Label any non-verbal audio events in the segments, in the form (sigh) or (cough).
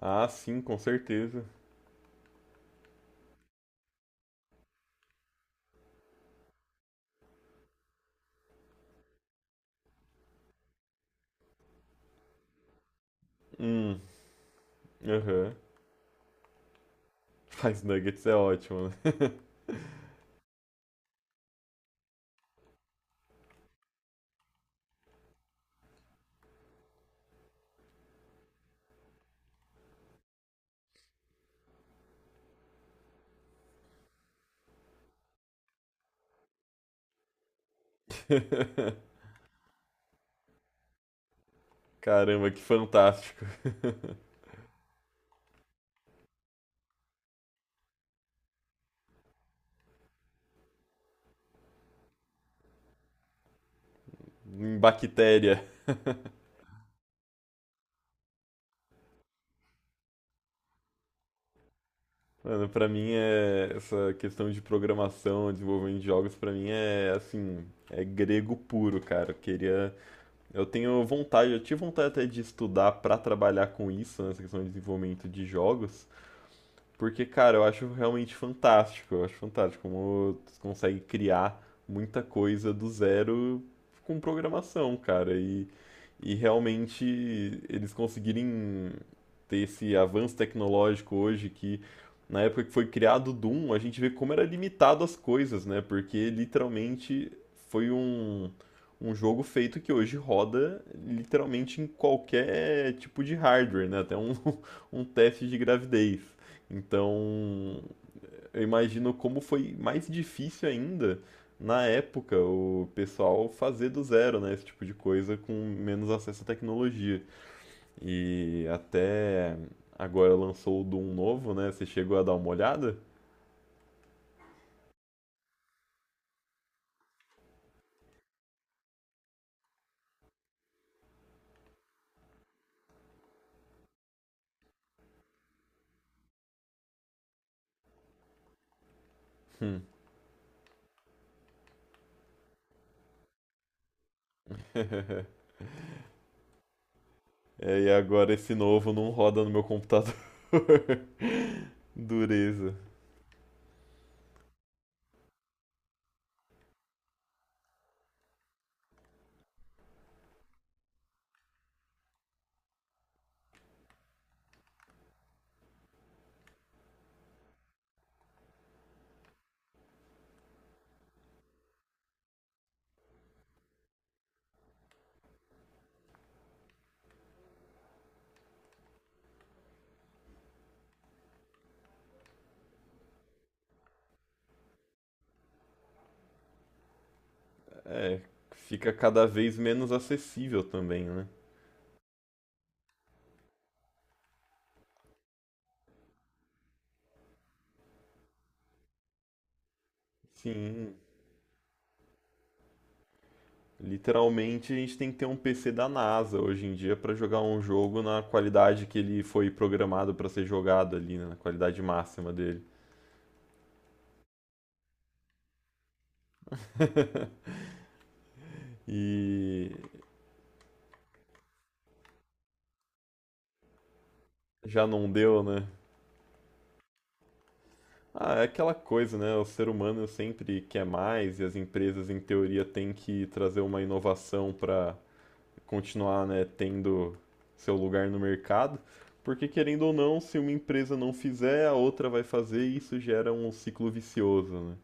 Ah, sim, com certeza. Hum, aham. Mas nuggets é ótimo, né? (laughs) Caramba, que fantástico. (laughs) Em bactéria. Mano, pra mim é essa questão de programação, desenvolvimento de jogos, pra mim é assim, é grego puro, cara. Eu tenho vontade, eu tive vontade até de estudar pra trabalhar com isso, nessa questão de desenvolvimento de jogos. Porque, cara, eu acho realmente fantástico. Eu acho fantástico como tu consegue criar muita coisa do zero com programação, cara. E realmente eles conseguirem ter esse avanço tecnológico hoje que na época que foi criado o Doom, a gente vê como era limitado as coisas, né? Porque literalmente foi um, um jogo feito que hoje roda literalmente em qualquer tipo de hardware, né? Até um, (laughs) um teste de gravidez. Então, eu imagino como foi mais difícil ainda na época o pessoal fazer do zero, né, esse tipo de coisa com menos acesso à tecnologia. E até agora lançou o Doom novo, né? Você chegou a dar uma olhada? Hum. É, e agora esse novo não roda no meu computador. (laughs) Dureza. É, fica cada vez menos acessível também, né? Sim, literalmente, a gente tem que ter um PC da NASA hoje em dia para jogar um jogo na qualidade que ele foi programado para ser jogado ali, né? Na qualidade máxima dele. (laughs) E já não deu, né? Ah, é aquela coisa, né? O ser humano sempre quer mais e as empresas, em teoria, têm que trazer uma inovação para continuar, né, tendo seu lugar no mercado. Porque, querendo ou não, se uma empresa não fizer, a outra vai fazer e isso gera um ciclo vicioso, né?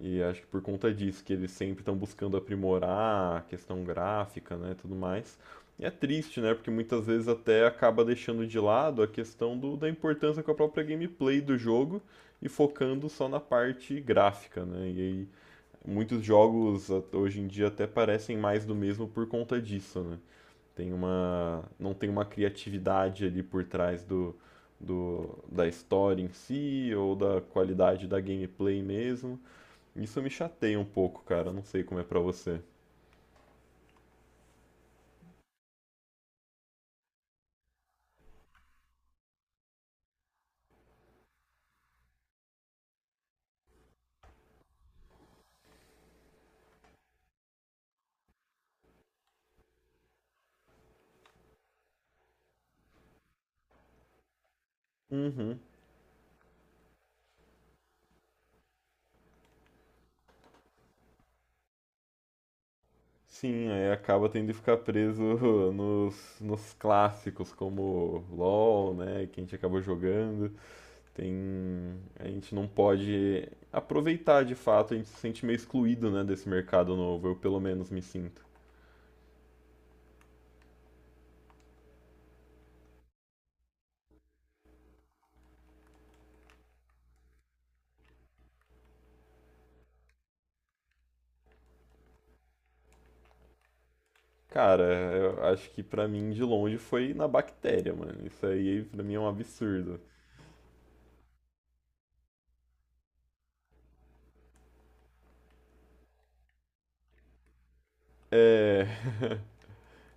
E acho que por conta disso, que eles sempre estão buscando aprimorar a questão gráfica, né, tudo mais. E é triste, né, porque muitas vezes até acaba deixando de lado a questão da importância com a própria gameplay do jogo e focando só na parte gráfica, né. E aí muitos jogos hoje em dia até parecem mais do mesmo por conta disso, né. Não tem uma criatividade ali por trás da história em si ou da qualidade da gameplay mesmo. Isso me chateia um pouco, cara. Não sei como é pra você. Uhum. Sim, aí acaba tendo que ficar preso (laughs) nos clássicos, como LoL, né? Que a gente acabou jogando. Tem. A gente não pode aproveitar de fato, a gente se sente meio excluído, né, desse mercado novo. Eu pelo menos me sinto. Cara, eu acho que pra mim de longe foi na bactéria, mano. Isso aí pra mim é um absurdo. É. (laughs)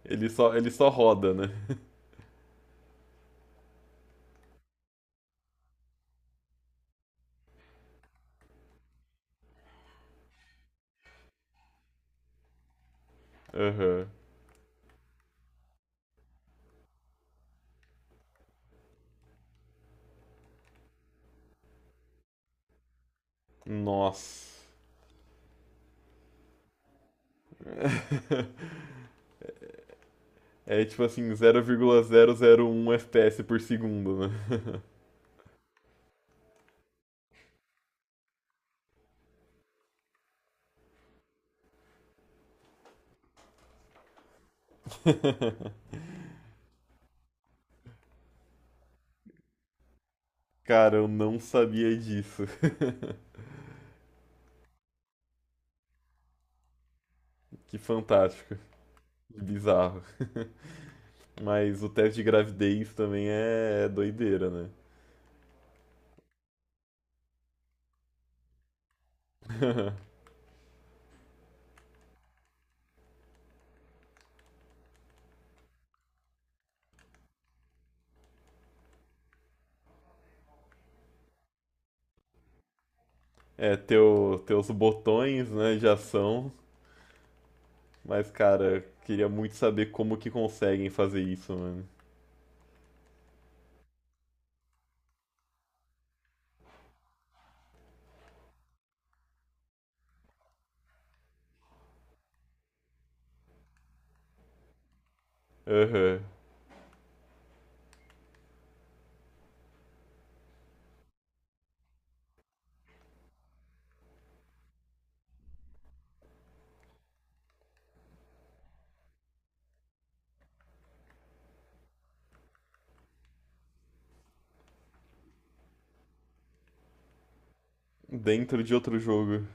Ele só roda, né? (laughs) Aham. Nossa. (laughs) É tipo assim, 0,001 FPS por segundo, né? (laughs) Cara, eu não sabia disso. (laughs) Que fantástico. Que bizarro. Mas o teste de gravidez também é doideira, né? (laughs) É, teus botões, né, de ação. Mas, cara, queria muito saber como que conseguem fazer isso, mano. Aham. Dentro de outro jogo.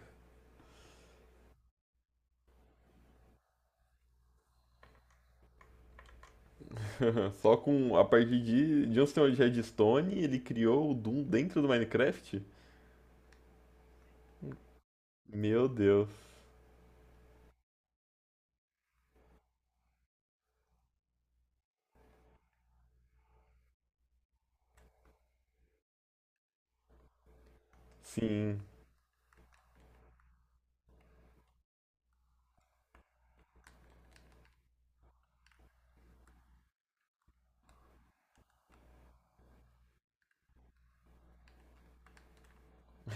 Aham, só com a partir de um senhor de redstone, ele criou o Doom dentro do Minecraft? Meu Deus. Sim.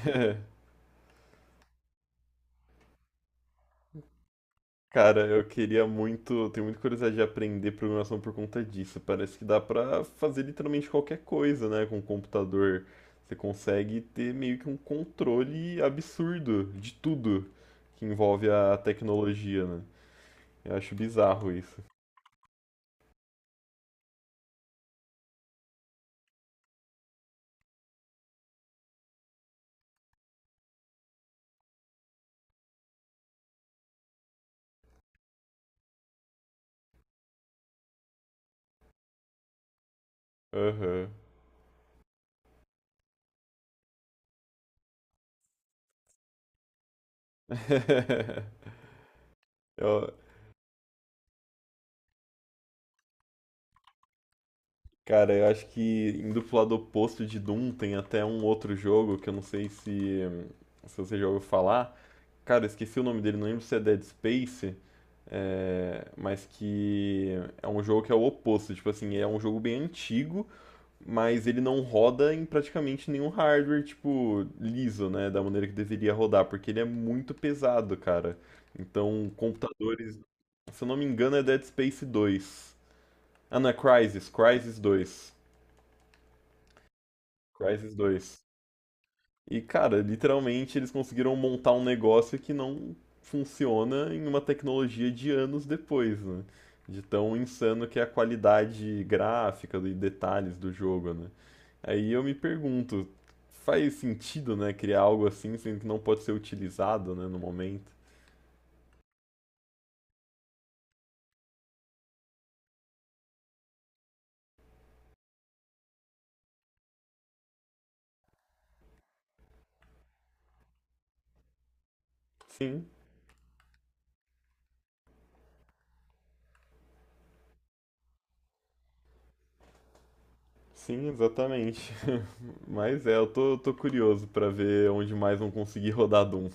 (laughs) Cara, eu queria muito, tenho muita curiosidade de aprender programação por conta disso. Parece que dá pra fazer literalmente qualquer coisa, né, com o computador. Você consegue ter meio que um controle absurdo de tudo que envolve a tecnologia, né? Eu acho bizarro isso. Aham. (laughs) Eu, cara, eu acho que indo pro lado oposto de Doom tem até um outro jogo que eu não sei se você já ouviu falar. Cara, eu esqueci o nome dele, não lembro se é Dead Space, é, mas que é um jogo que é o oposto. Tipo assim, é um jogo bem antigo, mas ele não roda em praticamente nenhum hardware, tipo, liso, né? Da maneira que deveria rodar, porque ele é muito pesado, cara. Então, computadores. Se eu não me engano, é Dead Space 2. Ah, não, é Crysis, Crysis 2. Crysis dois. E, cara, literalmente eles conseguiram montar um negócio que não funciona em uma tecnologia de anos depois, né? De tão insano que é a qualidade gráfica e detalhes do jogo, né? Aí eu me pergunto, faz sentido, né, criar algo assim, sendo que não pode ser utilizado, né, no momento? Sim, sim, exatamente. (laughs) Mas é, eu tô curioso pra ver onde mais vão conseguir (laughs) rodar Doom.